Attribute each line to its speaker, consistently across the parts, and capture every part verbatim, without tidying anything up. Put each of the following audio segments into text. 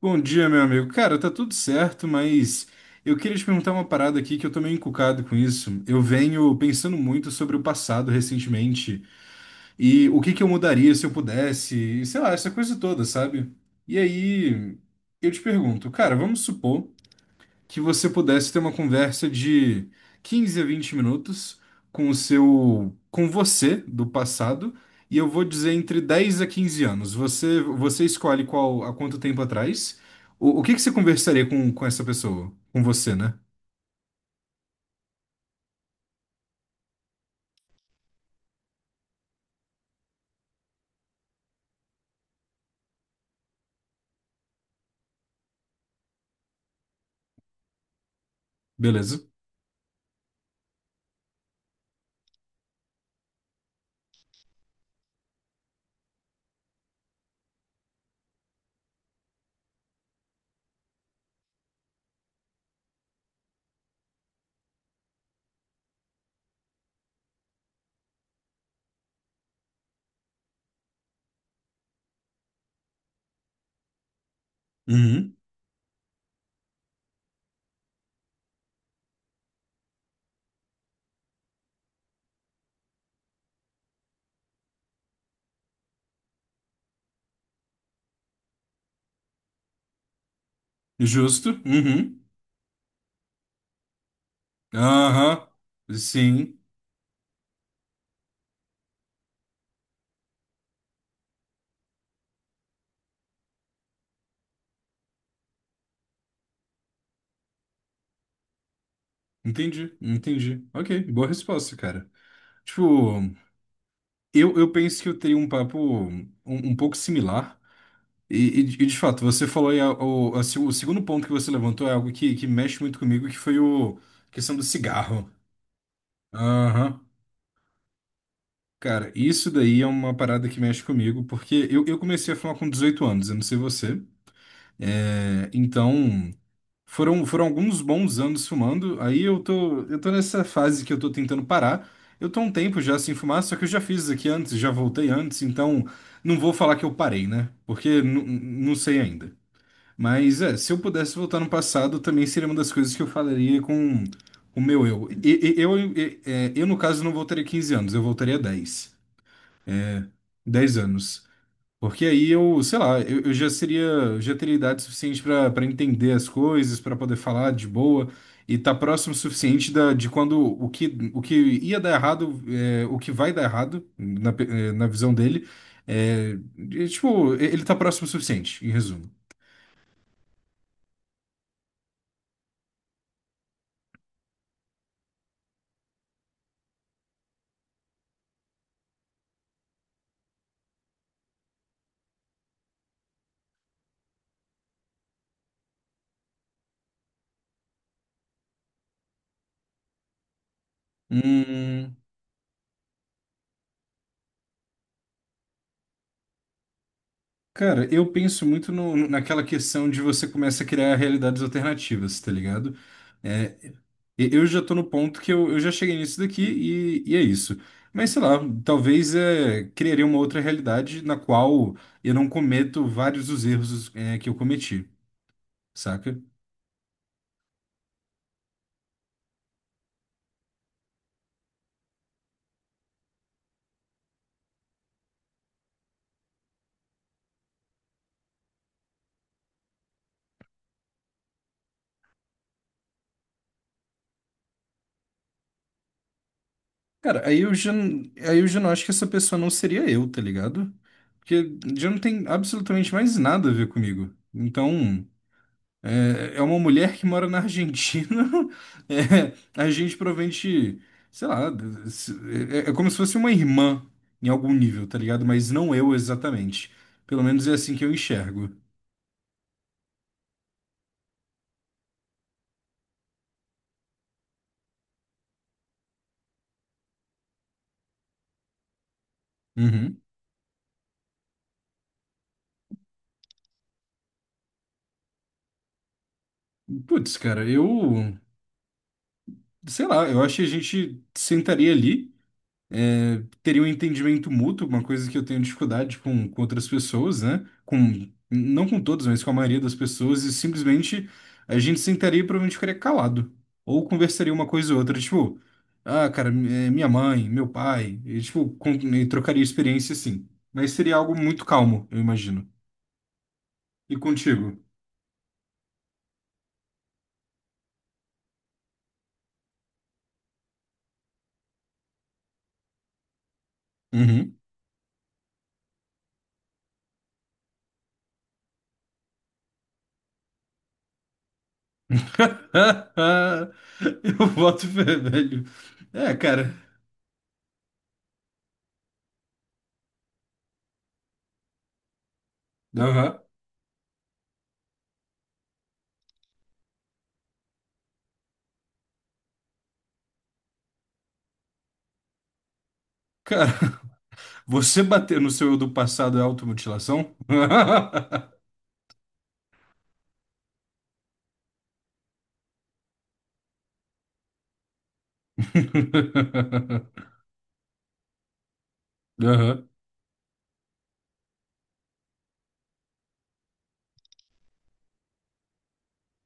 Speaker 1: Bom dia, meu amigo. Cara, tá tudo certo, mas eu queria te perguntar uma parada aqui que eu tô meio encucado com isso. Eu venho pensando muito sobre o passado recentemente e o que que eu mudaria se eu pudesse, e sei lá, essa coisa toda, sabe? E aí, eu te pergunto, cara, vamos supor que você pudesse ter uma conversa de quinze a vinte minutos com o seu, com você do passado, e eu vou dizer entre dez a quinze anos. Você, você escolhe qual, há quanto tempo atrás. O, o que que você conversaria com, com essa pessoa? Com você, né? Beleza. Uhum. Justo. Uhum. Aham. Sim. Entendi. Entendi. Ok. Boa resposta, cara. Tipo, eu, eu penso que eu teria um papo um um pouco similar. E, e de e de fato, você falou aí, a- o, a se- o segundo ponto que você levantou é algo que, que mexe muito comigo, que foi o a questão do cigarro. Aham. Cara, isso daí é uma parada que mexe comigo, porque eu, eu comecei a fumar com dezoito anos, eu não sei você. É, então, foram, foram alguns bons anos fumando, aí eu tô, eu tô nessa fase que eu tô tentando parar. Eu tô há um tempo já sem fumar, só que eu já fiz isso aqui antes, já voltei antes, então não vou falar que eu parei, né? Porque nu- nu- não sei ainda. Mas é, se eu pudesse voltar no passado, também seria uma das coisas que eu falaria com o meu eu. E- e- Eu, e- é, eu, no caso, não voltaria quinze anos, eu voltaria dez dez anos. Porque aí eu, sei lá, eu, eu já seria, já teria idade suficiente para para entender as coisas, para poder falar de boa e tá próximo o suficiente da, de quando o que, o que ia dar errado, é, o que vai dar errado, na, pe- é, na visão dele, é, e, tipo, ele tá próximo o suficiente, em resumo. Hum. Cara, eu penso muito no- no- naquela questão de você começa a criar realidades alternativas, tá ligado? É, e- eu já tô no ponto que eu, eu já cheguei nisso daqui e, e é isso. Mas sei lá, talvez é, criaria uma outra realidade na qual eu não cometo vários dos erros é, que eu cometi, saca? Cara, aí eu já, n- aí eu já não acho que essa pessoa não seria eu, tá ligado? Porque já não tem absolutamente mais nada a ver comigo. Então. É, é uma mulher que mora na Argentina. É, a gente provavelmente, sei lá, d- se- é, é como se fosse uma irmã em algum nível, tá ligado? Mas não eu exatamente. Pelo menos é assim que eu enxergo. Uhum. Putz, cara, eu, sei lá, eu acho que a gente sentaria ali. É, teria um entendimento mútuo, uma coisa que eu tenho dificuldade com, com outras pessoas, né? Com, não com todos, mas com a maioria das pessoas, e simplesmente a gente sentaria e provavelmente ficaria calado. Ou conversaria uma coisa ou outra, tipo, ah, cara, mi- eh, minha mãe, meu pai, e, tipo, com- e trocaria experiência assim. Mas seria algo muito calmo, eu imagino. E contigo? Uhum. Eu boto fé, velho. É, cara. Aham. Cara. Você bater no seu eu do passado é automutilação? Aham.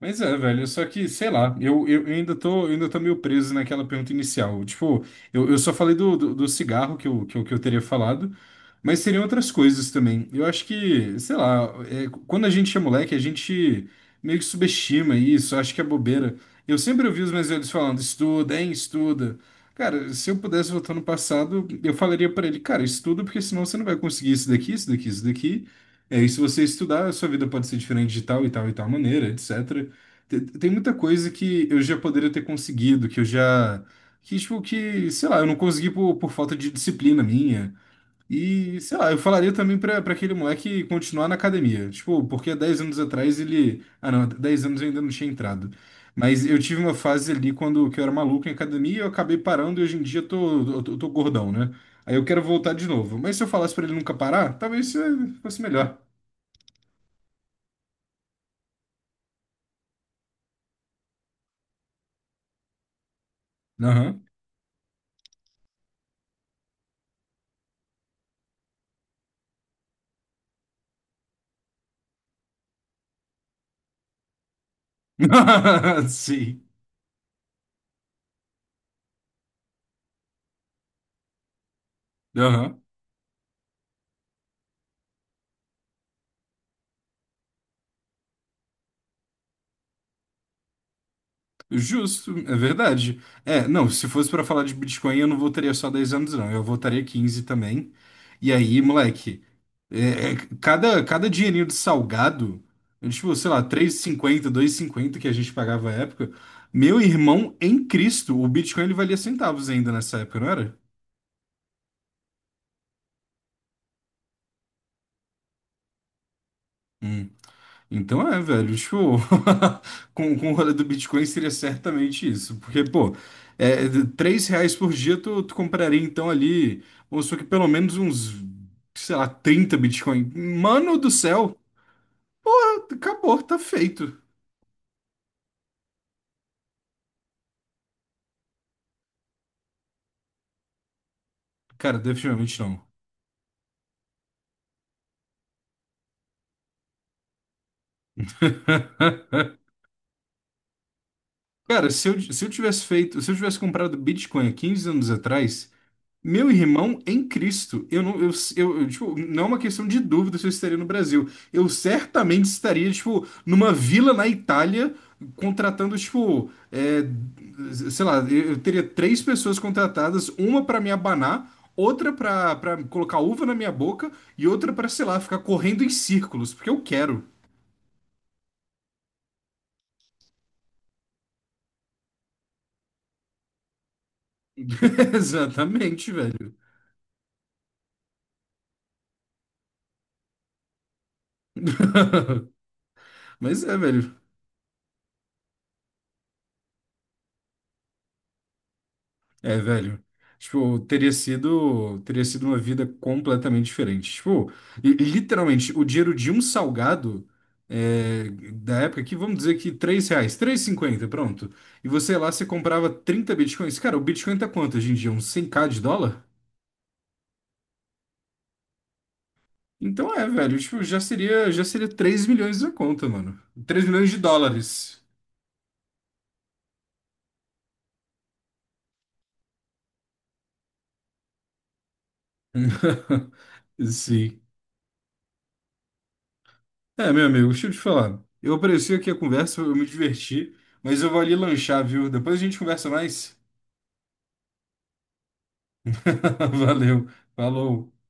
Speaker 1: Mas é, velho, só que, sei lá, eu, eu eu ainda tô, eu ainda tô meio preso naquela pergunta inicial. Tipo, eu, eu só falei do, do, do cigarro que eu, que eu, que eu teria falado, mas seriam outras coisas também. Eu acho que, sei lá, é, quando a gente é moleque, a gente meio que subestima isso, acho que é bobeira. Eu sempre ouvi os meus velhos falando, estuda, hein, estuda. Cara, se eu pudesse voltar no passado, eu falaria pra ele, cara, estuda, porque senão você não vai conseguir isso daqui, isso daqui, isso daqui. É, e se você estudar, a sua vida pode ser diferente de tal e tal e tal maneira, etcétera. Te- Tem muita coisa que eu já poderia ter conseguido, que eu já. Que, tipo, que, sei lá, eu não consegui por, por falta de disciplina minha. E, sei lá, eu falaria também pra, pra aquele moleque continuar na academia. Tipo, porque há dez anos atrás ele. Ah, não, há dez anos eu ainda não tinha entrado. Mas eu tive uma fase ali quando que eu era maluco em academia, eu acabei parando e hoje em dia eu tô, eu tô, eu tô gordão, né? Aí eu quero voltar de novo. Mas se eu falasse pra ele nunca parar, talvez eh, fosse melhor. Aham. Sim. Justo, é verdade. É, não, se fosse pra falar de Bitcoin, eu não votaria só dez anos, não. Eu votaria quinze também. E aí, moleque, é, é, cada, cada dinheirinho de salgado, é tipo, sei lá, três e cinquenta, cinquenta que a gente pagava à época, meu irmão em Cristo, o Bitcoin ele valia centavos ainda nessa época, não era? Hum. Então é, velho, tipo, com, com o rolê do Bitcoin seria certamente isso, porque, pô, é, de- três reais por dia tu, tu compraria então ali, vamos supor que pelo menos uns, sei lá, trinta Bitcoin. Mano do céu, acabou, tá feito. Cara, definitivamente não. Cara, se eu, se eu tivesse feito, se eu tivesse comprado Bitcoin há quinze anos atrás, meu irmão em Cristo, eu não, eu, eu, eu, tipo, não é uma questão de dúvida se eu estaria no Brasil. Eu certamente estaria, tipo, numa vila na Itália, contratando, tipo, é, sei lá, eu eu teria três pessoas contratadas, uma para me abanar, outra para para colocar uva na minha boca e outra para, sei lá, ficar correndo em círculos, porque eu quero. Exatamente, velho. Mas é, velho, É, velho. Tipo, teria sido, teria sido uma vida completamente diferente. Tipo, e- e literalmente, o dinheiro de um salgado é, da época aqui, vamos dizer que três reais, três e cinquenta, pronto. E você lá, você comprava trinta bitcoins. Cara, o bitcoin tá quanto hoje em dia? Uns cem mil de dólar? Então é, velho, tipo, já seria, já seria três milhões na conta, mano. Três milhões de dólares. Sim. É, meu amigo, deixa eu te falar. Eu apareci aqui a conversa, eu me diverti, mas eu vou ali lanchar, viu? Depois a gente conversa mais. Valeu, falou.